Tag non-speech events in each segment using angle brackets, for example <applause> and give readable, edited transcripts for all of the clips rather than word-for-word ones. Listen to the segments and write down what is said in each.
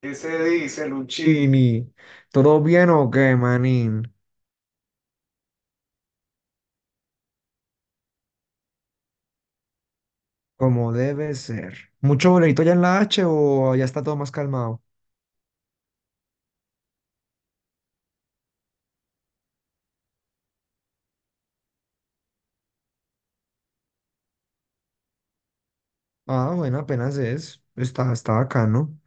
¿Qué se dice, Luchini? ¿Todo bien o qué, manín? Como debe ser. ¿Mucho boleto ya en la H o ya está todo más calmado? Ah, bueno, apenas es. Está bacano.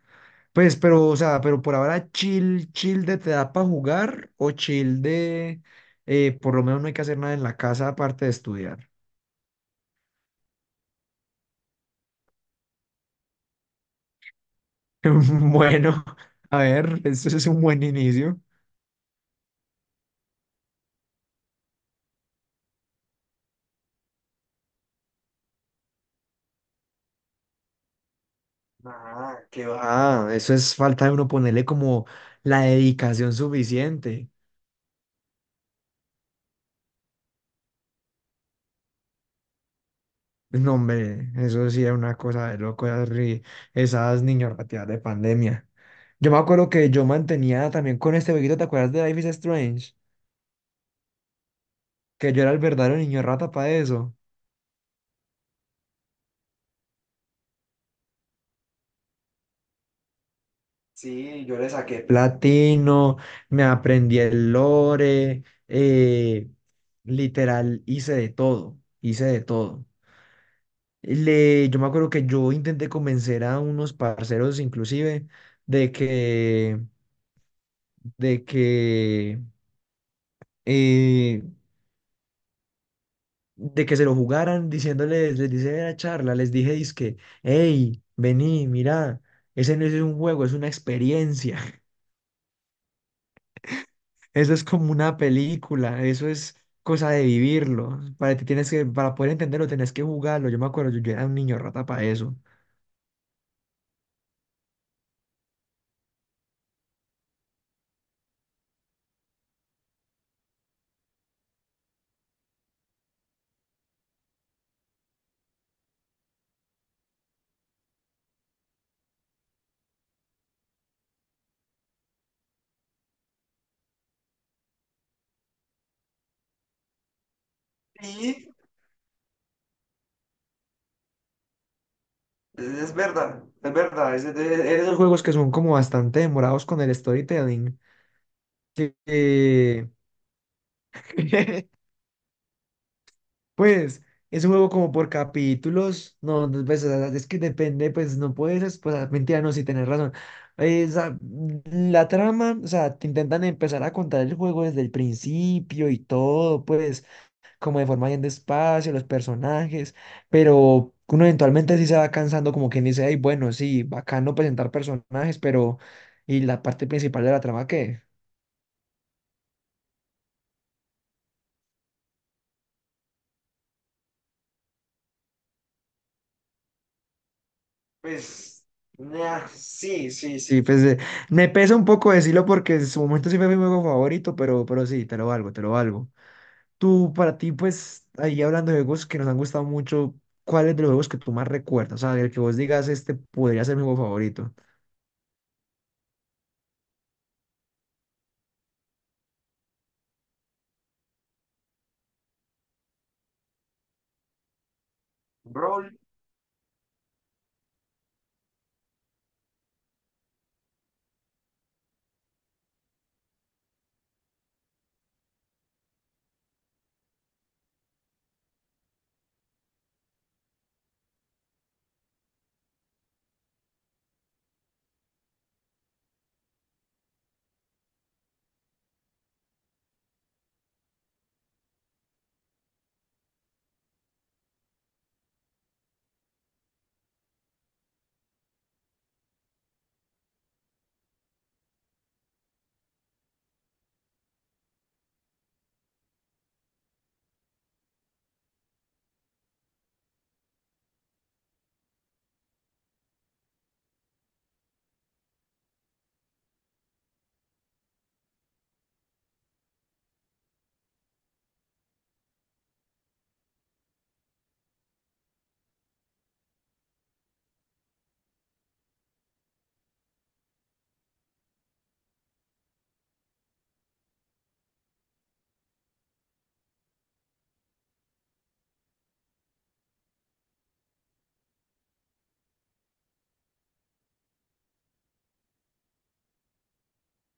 Pues, pero, o sea, pero por ahora chill, chill de te da para jugar o chill de por lo menos no hay que hacer nada en la casa aparte de estudiar. <laughs> Bueno, a ver, eso es un buen inicio. Ah, qué va. Ah, eso es falta de uno ponerle como la dedicación suficiente. No, hombre, eso sí era una cosa de loco, esas niños de pandemia. Yo me acuerdo que yo mantenía también con este jueguito, ¿te acuerdas de Life is Strange? Que yo era el verdadero niño rata para eso. Sí, yo le saqué Platino, me aprendí el lore, literal, hice de todo, hice de todo. Yo me acuerdo que yo intenté convencer a unos parceros inclusive de que, de que eh, de que se lo jugaran diciéndoles, les dice en la charla, les dije, dizque, hey, vení, mirá, ese no es un juego, es una experiencia, <laughs> eso es como una película, eso es cosa de vivirlo, para ti tienes que, para poder entenderlo tenés que jugarlo, yo me acuerdo, yo era un niño rata para eso. Sí, es verdad, es verdad. Esos juegos que son como bastante demorados con el storytelling, que <laughs> Pues es un juego como por capítulos, no, no, pues, o sea, es que depende, pues no puedes, pues ah, mentira, no, si tenés razón. O sea, la trama, o sea, te intentan empezar a contar el juego desde el principio y todo, pues como de forma bien despacio, los personajes, pero uno eventualmente sí se va cansando, como quien dice, ay, bueno, sí, bacano presentar personajes, pero ¿y la parte principal de la trama qué? Pues, nah, sí, sí, sí, pues me pesa un poco decirlo porque en su momento sí fue mi juego favorito, pero sí, te lo valgo, te lo valgo. Para ti, pues, ahí hablando de juegos que nos han gustado mucho, ¿cuál es de los juegos que tú más recuerdas? O sea, el que vos digas, este podría ser mi juego favorito. Brawl,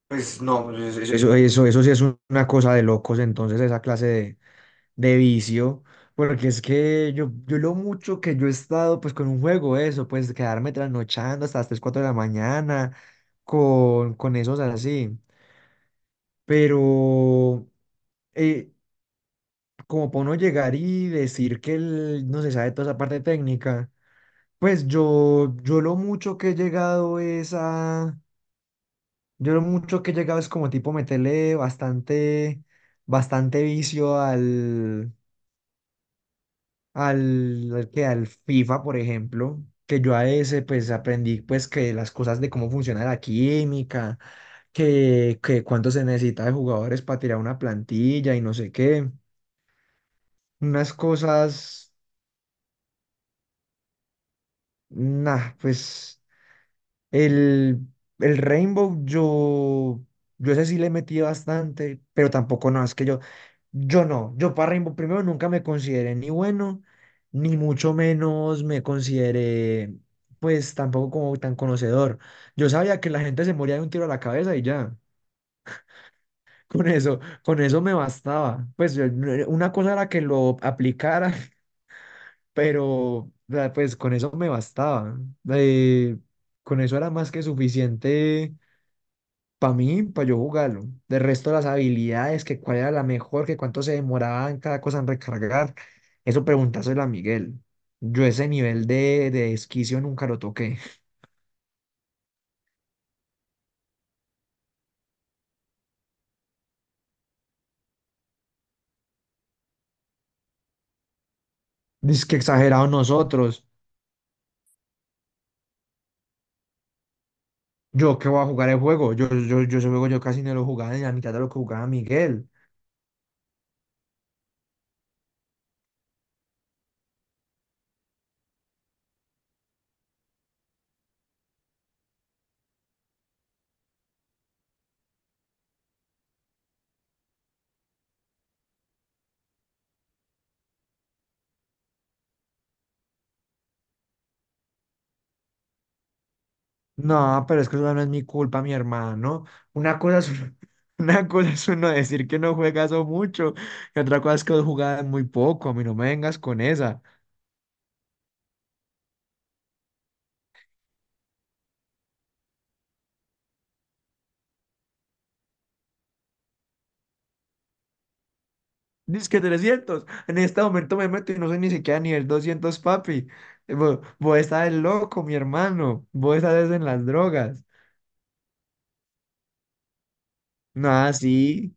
pues no, eso, eso, eso sí es una cosa de locos, entonces, esa clase de, vicio, porque es que yo lo mucho que yo he estado pues con un juego, eso, pues quedarme trasnochando hasta las 3 4 de la mañana con esos así, pero eh, como para uno llegar y decir que él no se sabe toda esa parte técnica, pues yo lo mucho que he llegado es a, yo lo mucho que he llegado es como tipo meterle bastante, bastante vicio al FIFA, por ejemplo, que yo a ese pues aprendí pues que las cosas de cómo funciona la química, que cuánto se necesita de jugadores para tirar una plantilla y no sé qué, unas cosas, nah, pues El, el Rainbow, yo ese sí le metí bastante, pero tampoco no, es que yo no, yo para Rainbow primero nunca me consideré ni bueno, ni mucho menos me consideré, pues tampoco como tan conocedor. Yo sabía que la gente se moría de un tiro a la cabeza y ya, <laughs> con eso me bastaba. Pues una cosa era que lo aplicara, <laughs> pero o sea, pues con eso me bastaba. Eh, con eso era más que suficiente para mí, para yo jugarlo. De resto, las habilidades, que cuál era la mejor, que cuánto se demoraba en cada cosa en recargar. Eso preguntárselo a Miguel. Yo ese nivel de esquicio nunca lo toqué. <laughs> Dice que exagerado nosotros. Yo que voy a jugar el juego. Yo ese juego yo casi no lo jugaba ni la mitad de lo que jugaba Miguel. No, pero es que eso no es mi culpa, mi hermano. Una cosa es, <laughs> una cosa es uno decir que no juegas o mucho, y otra cosa es que jugaba muy poco. A mí no me vengas con esa. Dice que 300. En este momento me meto y no soy ni siquiera ni el 200, papi. Vos estás loco, mi hermano. Vos estás en las drogas. Nada, sí,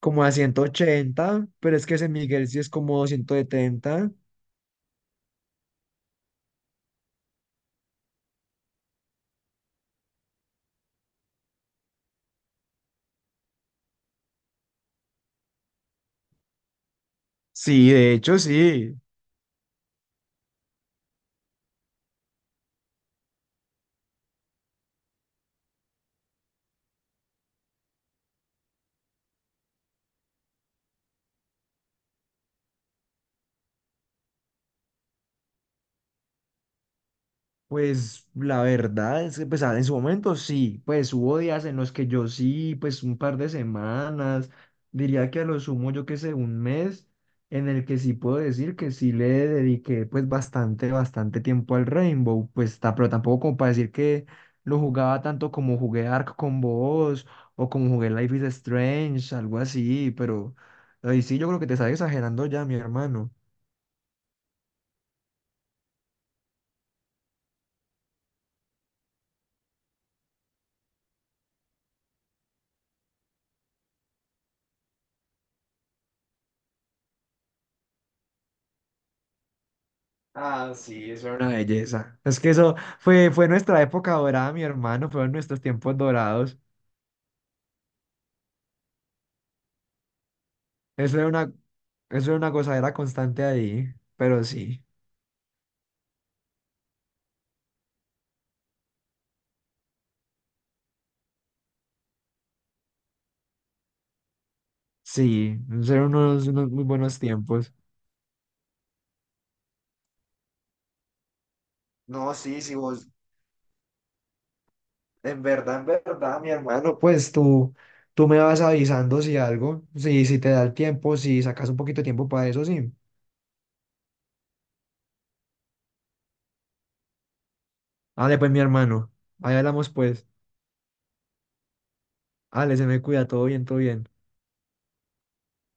como a 180, pero es que ese Miguel sí es como 270. Sí, de hecho, sí. Pues la verdad es que pues, ah, en su momento sí, pues hubo días en los que yo sí, pues un par de semanas, diría que a lo sumo yo que sé, un mes, en el que sí puedo decir que sí le dediqué pues bastante, bastante tiempo al Rainbow, pues pero tampoco como para decir que lo jugaba tanto como jugué Ark con vos o como jugué Life is Strange, algo así, pero ahí sí yo creo que te estás exagerando ya, mi hermano. Ah, sí, eso era una belleza. Es que eso fue nuestra época dorada, mi hermano, fueron nuestros tiempos dorados. Eso era una, eso era una gozadera constante ahí, pero sí, sí, eran unos muy buenos tiempos. No, sí, sí, vos, en verdad, mi hermano, pues tú, me vas avisando si algo, si te da el tiempo, si sacas un poquito de tiempo para eso, sí. Dale, pues, mi hermano, ahí hablamos, pues. Dale, se me cuida, todo bien, todo bien.